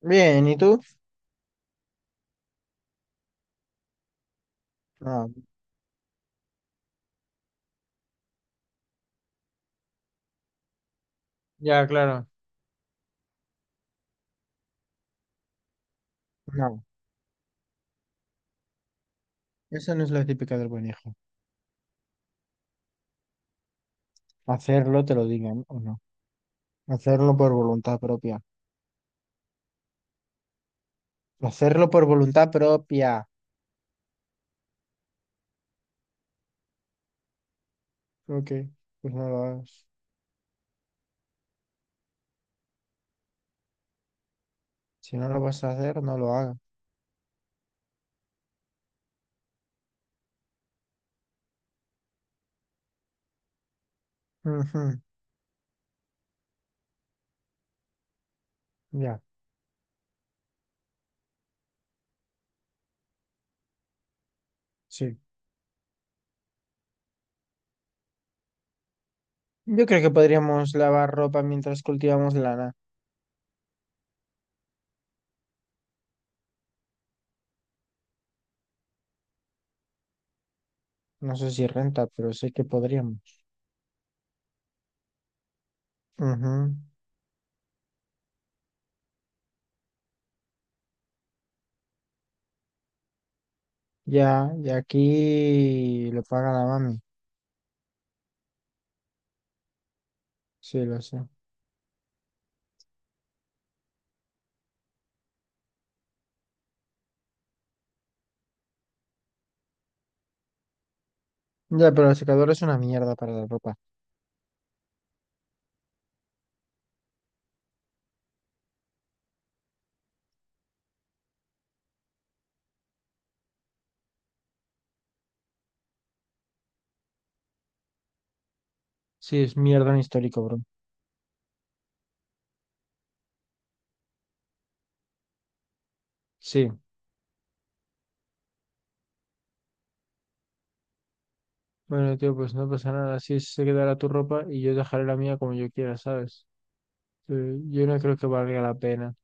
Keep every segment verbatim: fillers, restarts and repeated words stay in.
Bien, ¿y tú? No. Ya, claro. No, eso no es la típica del buen hijo. Hacerlo, te lo digan o no. Hacerlo por voluntad propia. Hacerlo por voluntad propia. Ok, pues no lo hagas. Si no lo vas a hacer, no lo hagas. Ujú. Ya, sí. Yo creo que podríamos lavar ropa mientras cultivamos lana. No sé si renta, pero sé que podríamos. Ujú. Ya, y aquí lo paga la mami. Sí, lo sé. Ya, pero la secadora es una mierda para la ropa. Sí, es mi orden histórico, bro. Sí. Bueno, tío, pues no pasa nada. Así se quedará tu ropa y yo dejaré la mía como yo quiera, ¿sabes? Sí, yo no creo que valga la pena.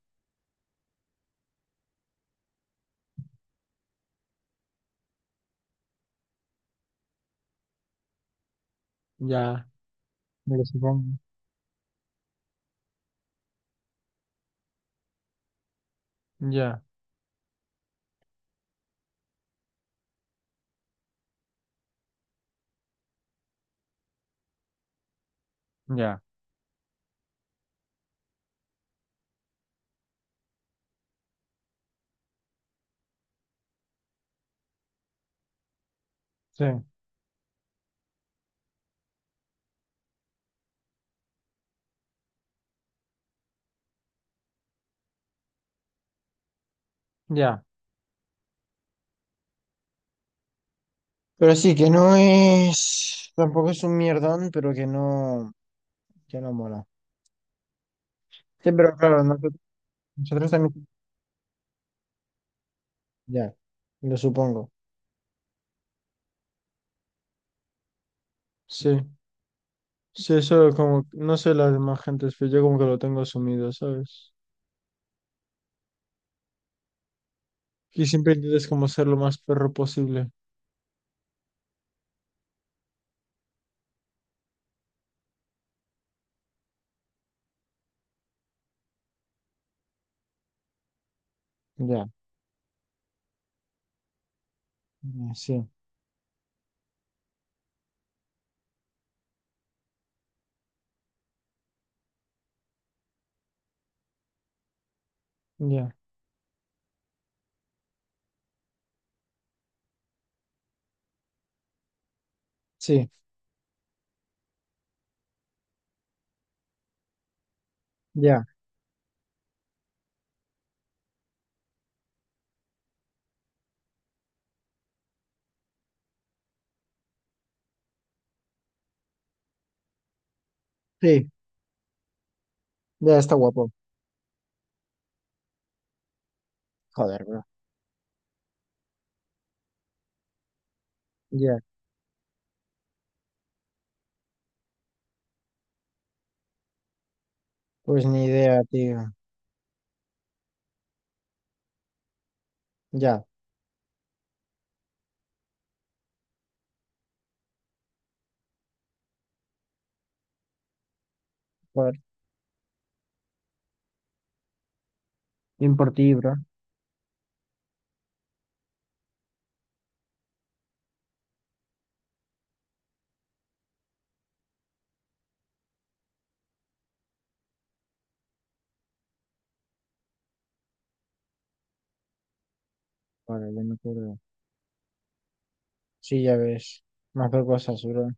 Ya, me lo supongo. Ya, ya, sí, ya. Pero sí, que no es, tampoco es un mierdón, pero que no, que no mola. Sí, pero claro, nosotros, nosotros también, ya, lo supongo. Sí, sí, eso como, no sé las demás gentes, pero yo como que lo tengo asumido, ¿sabes? Y siempre intentas como ser lo más perro posible. Ya, ya, sí, ya, sí, ya, sí, ya está guapo. Joder, bro. Ya, pues ni idea, tío. Ya, joder. Bien por ti, bro. Joder, ya me acuerdo. Sí, ya ves. Mazo cosas, bro.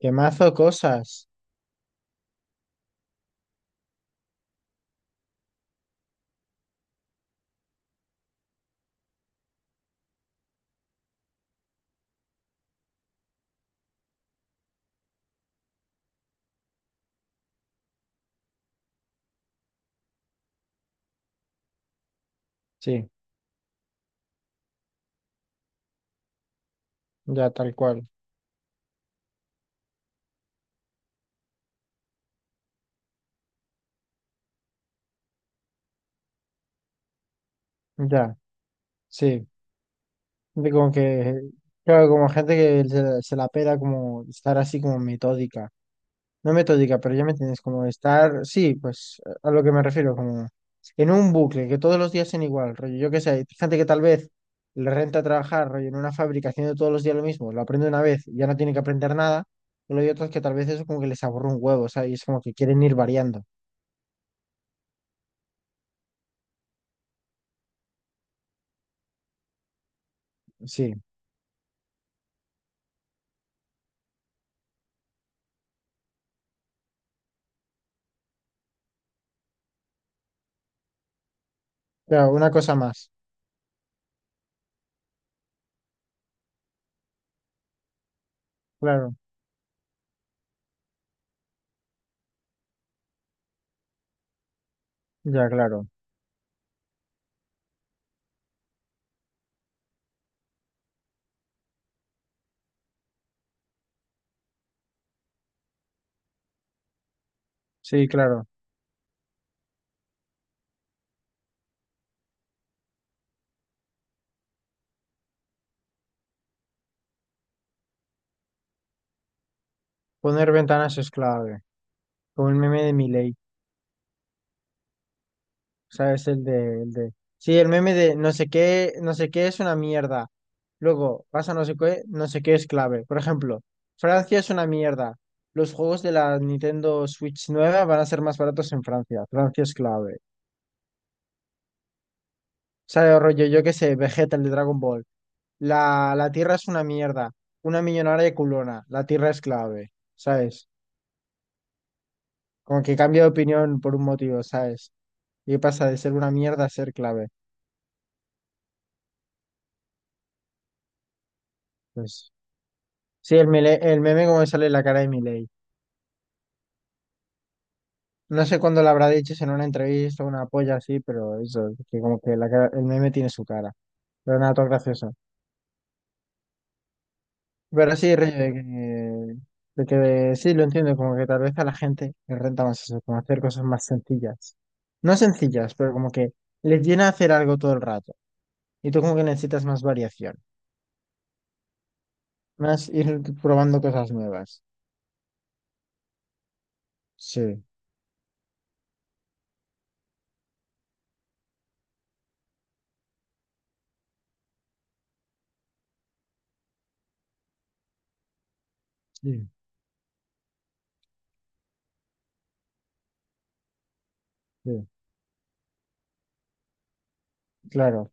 ¿Qué mazo cosas? Sí, ya, tal cual. Ya, sí. De como que, claro, como gente que se, se la pela como estar así como metódica. No metódica, pero ya me entiendes, como estar, sí, pues a lo que me refiero, como en un bucle, que todos los días sean igual, rollo, yo qué sé, hay gente que tal vez le renta trabajar, rollo, en una fábrica haciendo todos los días lo mismo, lo aprende una vez y ya no tiene que aprender nada, pero hay otros que tal vez eso como que les aburre un huevo, o sea, y es como que quieren ir variando, sí, claro, una cosa más, claro, ya, claro, sí, claro, poner ventanas es clave, como el meme de Milei. Sabes el de, el de... Sí, el meme de no sé qué, no sé qué es una mierda. Luego pasa no sé qué, no sé qué es clave. Por ejemplo, Francia es una mierda. Los juegos de la Nintendo Switch nueva van a ser más baratos en Francia. Francia es clave. Sabes rollo, yo qué sé, Vegeta, el de Dragon Ball. La, la Tierra es una mierda. Una millonaria culona. La Tierra es clave. ¿Sabes? Como que cambia de opinión por un motivo, ¿sabes? Y pasa de ser una mierda a ser clave. Pues, sí, el, mele- el meme como me sale la cara de Milei. No sé cuándo lo habrá dicho, si en una entrevista o una polla así, pero eso, que como que la cara- el meme tiene su cara. Pero nada, todo gracioso. Pero sí, Rey, de que, de que sí, lo entiendo, como que tal vez a la gente le renta más eso, como hacer cosas más sencillas. No sencillas, pero como que les llena hacer algo todo el rato. Y tú como que necesitas más variación, más ir probando cosas nuevas. Sí, sí, sí, claro.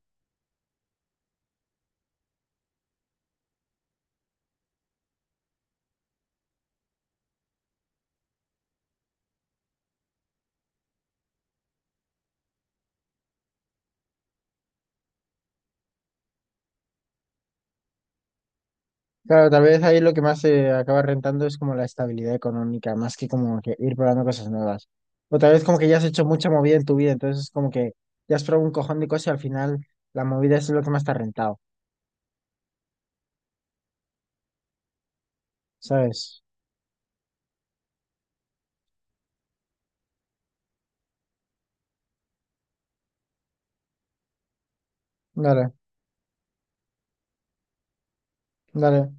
Claro, tal vez ahí lo que más se acaba rentando es como la estabilidad económica, más que como que ir probando cosas nuevas. O tal vez como que ya has hecho mucha movida en tu vida, entonces como que ya has probado un cojón de cosas y al final la movida es lo que más te ha rentado, ¿sabes? Dale, dale.